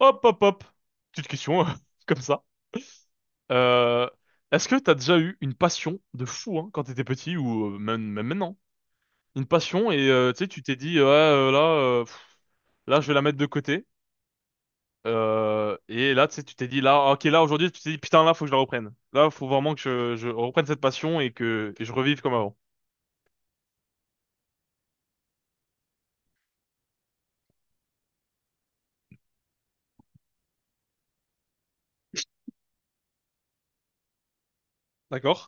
Hop, hop, hop. Petite question, comme ça. Euh, Est-ce que t'as déjà eu une passion de fou, hein, quand t'étais petit ou même maintenant? Une passion et tu sais, tu t'es dit, ouais, là, je vais la mettre de côté. Et là, tu sais, tu t'es dit, là, ok, là, aujourd'hui, tu t'es dit, putain, là, faut que je la reprenne. Là, faut vraiment que je reprenne cette passion et je revive comme avant. D'accord?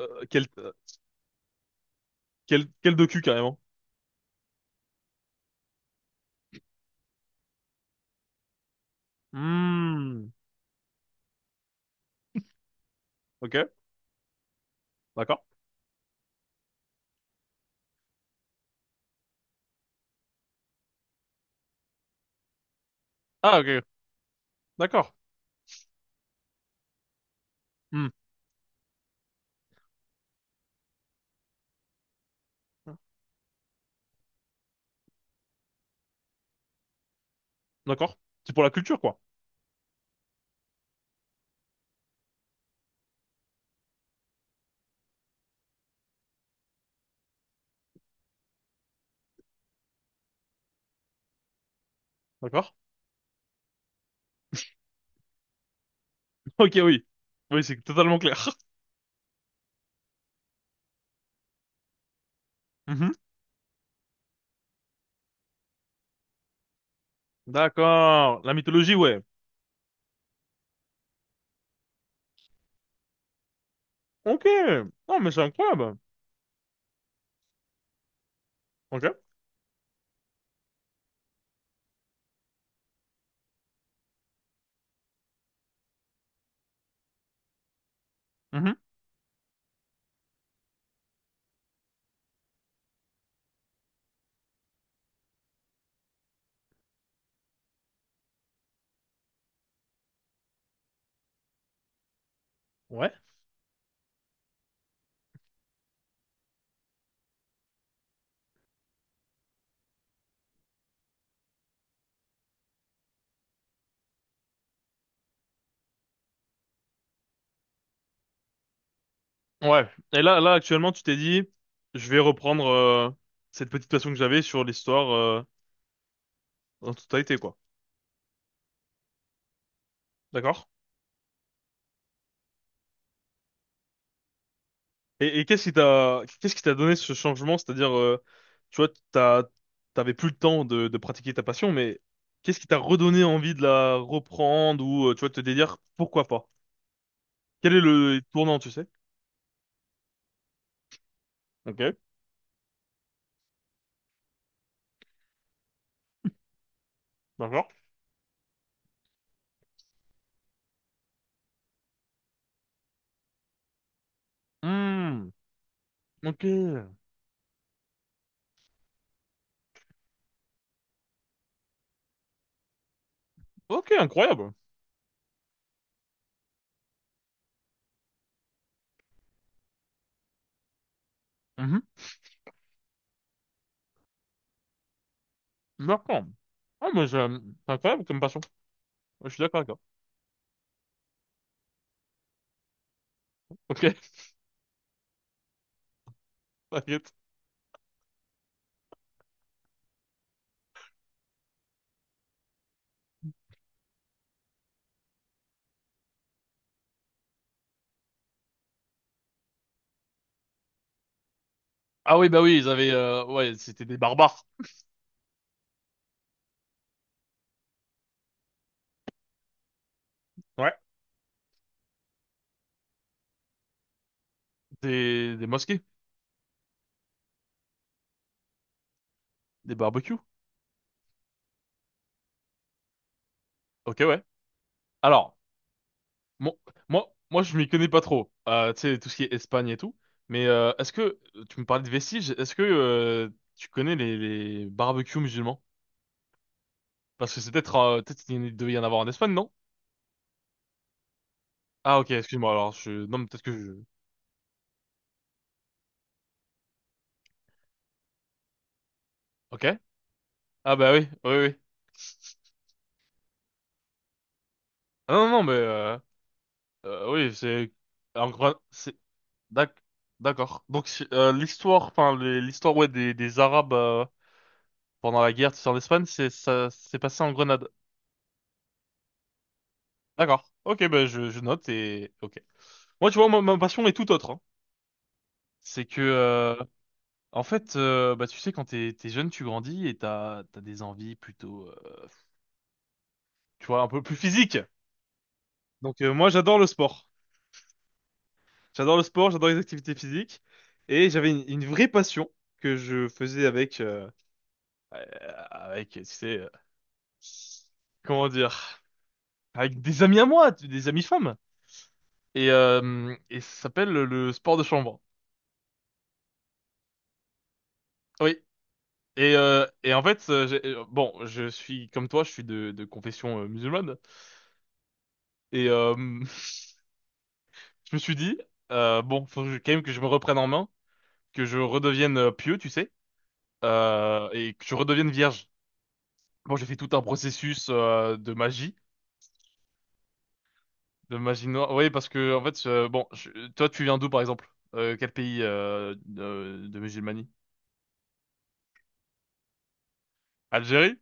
Euh, quel, euh, quel docu, carrément? Hmm. Ok, d'accord. Ah, ok, d'accord. Hmm. D'accord. C'est pour la culture, quoi. D'accord? Ok, oui. Oui, c'est totalement clair. Mhm. D'accord. La mythologie, ouais. Ok. Non, mais c'est incroyable. Ok. Mhm. Ouais. Ouais. Et là, actuellement, tu t'es dit, je vais reprendre cette petite passion que j'avais sur l'histoire en totalité, quoi. D'accord? Et qu'est-ce qui t'a donné ce changement? C'est-à-dire, tu vois, t'avais plus le temps de pratiquer ta passion, mais qu'est-ce qui t'a redonné envie de la reprendre ou, tu vois, de te dire, pourquoi pas? Quel est le tournant, tu sais? Ok. D'accord. Hmm, ok. Ok, incroyable. Mhm. D'accord. Ah, mais c'est incroyable comme passion. Je suis d'accord avec toi. Ok, t'inquiète. Ah oui, bah oui, ouais, c'était des barbares. Ouais. Des mosquées. Des barbecues. Ok, ouais. Alors, mon- moi, je m'y connais pas trop. Tu sais, tout ce qui est Espagne et tout. Mais est-ce que... Tu me parlais de vestiges. Est-ce que tu connais les barbecues musulmans? Parce que peut-être il devait y en avoir en Espagne, non? Ah ok, excuse-moi. Alors, je... Non, mais peut-être que je... Ok. Ah bah oui, oui, oui. Ah non, non, mais oui, c'est en gros, c'est d'ac- d'accord. Donc l'histoire, enfin l'histoire, ouais, des Arabes, pendant la guerre, c'est en Espagne, c'est ça s'est passé en Grenade. D'accord. Ok, bah je note et ok. Moi, tu vois, ma passion est tout autre, hein. C'est que en fait, bah tu sais, quand t'es jeune, tu grandis et t'as des envies plutôt, tu vois, un peu plus physiques. Donc moi, j'adore le sport. J'adore le sport, j'adore les activités physiques. Et j'avais une vraie passion que je faisais euh, avec, tu sais, comment dire, avec des amis à moi, des amis femmes. Et, ça s'appelle le sport de chambre. Oui. Et, en fait, bon, je suis comme toi, je suis de confession musulmane. Et je me suis dit, bon, faut que quand même que je me reprenne en main, que je redevienne pieux, tu sais, et que je redevienne vierge. Bon, j'ai fait tout un processus de magie noire. Oui, parce que en fait, bon, toi, tu viens d'où, par exemple? Quel pays de musulmanie? Algérie?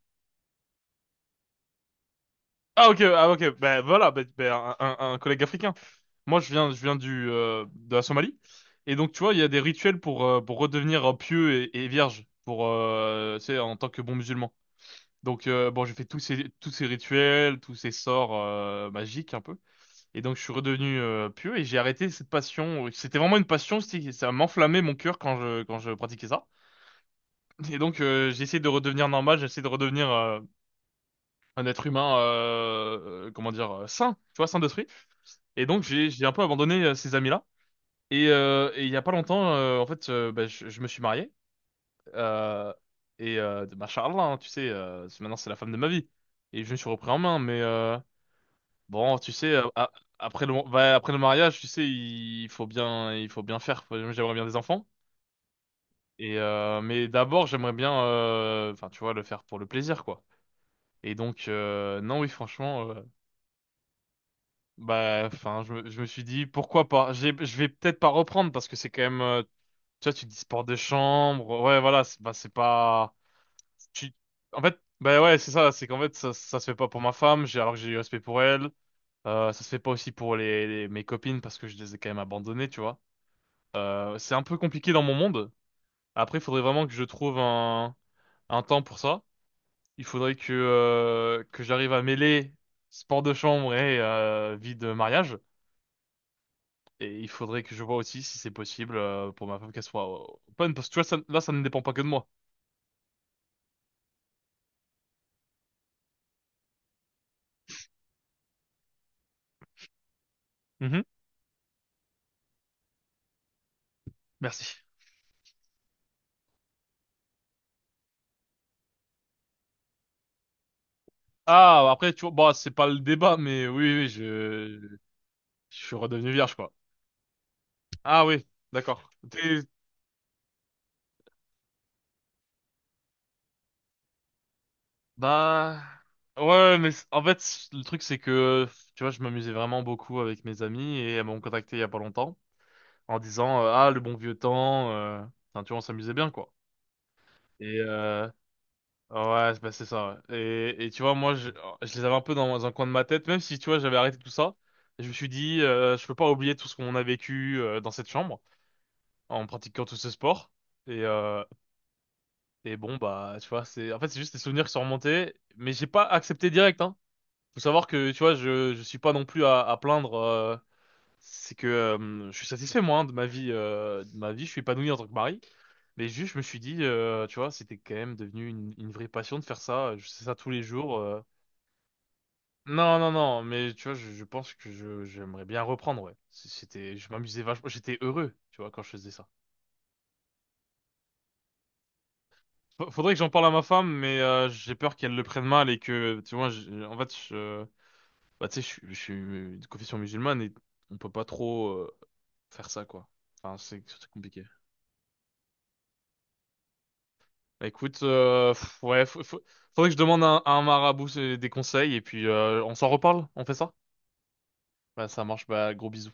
Ah ok, ah ok. Ben voilà, ben, un collègue africain. Moi, je viens du de la Somalie. Et donc, tu vois, il y a des rituels pour redevenir pieux et vierge, pour tu sais, en tant que bon musulman. Donc bon, j'ai fait tous ces rituels, tous ces sorts magiques un peu. Et donc je suis redevenu pieux et j'ai arrêté cette passion. C'était vraiment une passion, ça m'enflammait mon cœur quand je pratiquais ça. Et donc j'ai essayé de redevenir normal, j'ai essayé de redevenir un être humain, comment dire, sain, tu vois, sain d'esprit. Et donc j'ai un peu abandonné ces amis-là. Et il y a pas longtemps, en fait, bah, je me suis marié. Euh, machallah, hein, tu sais, maintenant c'est la femme de ma vie. Et je me suis repris en main, mais bon, tu sais, après après le mariage, tu sais, il faut bien faire. J'aimerais bien des enfants. Et mais d'abord, j'aimerais bien, enfin, tu vois, le faire pour le plaisir, quoi. Et donc, non, oui, franchement, bah, enfin, je me suis dit, pourquoi pas? Je vais peut-être pas reprendre parce que c'est quand même, tu vois, tu dis sport de chambre, ouais, voilà, c'est bah, c'est pas, tu, en fait, bah ouais, c'est ça, c'est qu'en fait, ça se fait pas pour ma femme. J'ai alors que j'ai du respect pour elle. Ça se fait pas aussi pour mes copines parce que je les ai quand même abandonnées, tu vois. C'est un peu compliqué dans mon monde. Après, il faudrait vraiment que je trouve un temps pour ça. Il faudrait que j'arrive à mêler sport de chambre et vie de mariage. Et il faudrait que je vois aussi si c'est possible pour ma femme qu'elle soit open. Parce que tu vois, là, ça ne dépend pas que de moi. Mhm. Merci. Ah, après, tu vois, bah, c'est pas le débat, mais oui, oui, je suis redevenu vierge, quoi. Ah oui, d'accord. Bah, ouais, mais en fait, le truc, c'est que, tu vois, je m'amusais vraiment beaucoup avec mes amis et elles m'ont contacté il y a pas longtemps en disant, ah, le bon vieux temps. Enfin, tu vois, on s'amusait bien, quoi. Et, euh... ouais, bah, c'est ça, ouais. Et, tu vois, moi, oh, je les avais un peu dans un coin de ma tête, même si, tu vois, j'avais arrêté tout ça. Je me suis dit, je peux pas oublier tout ce qu'on a vécu dans cette chambre en pratiquant tout ce sport. Et, euh... et bon, bah, tu vois, en fait, c'est juste des souvenirs qui sont remontés, mais j'ai pas accepté direct, hein. Faut savoir que, tu vois, je suis pas non plus à plaindre. C'est que je suis satisfait, moi, hein, de ma vie. De ma vie, je suis épanoui en tant que mari. Mais juste, je me suis dit, tu vois, c'était quand même devenu une vraie passion de faire ça. Je fais ça tous les jours. Non, non, non, mais tu vois, je pense que j'aimerais bien reprendre, ouais. C'était, je m'amusais vachement, j'étais heureux, tu vois, quand je faisais ça. Faudrait que j'en parle à ma femme, mais j'ai peur qu'elle le prenne mal et que, tu vois, en fait, bah, tu sais, je suis de confession musulmane et on peut pas trop faire ça, quoi. Enfin, c'est compliqué. Bah, écoute, ouais, faudrait que je demande à un marabout des conseils et puis on s'en reparle, on fait ça? Bah, ça marche, bah, gros bisous.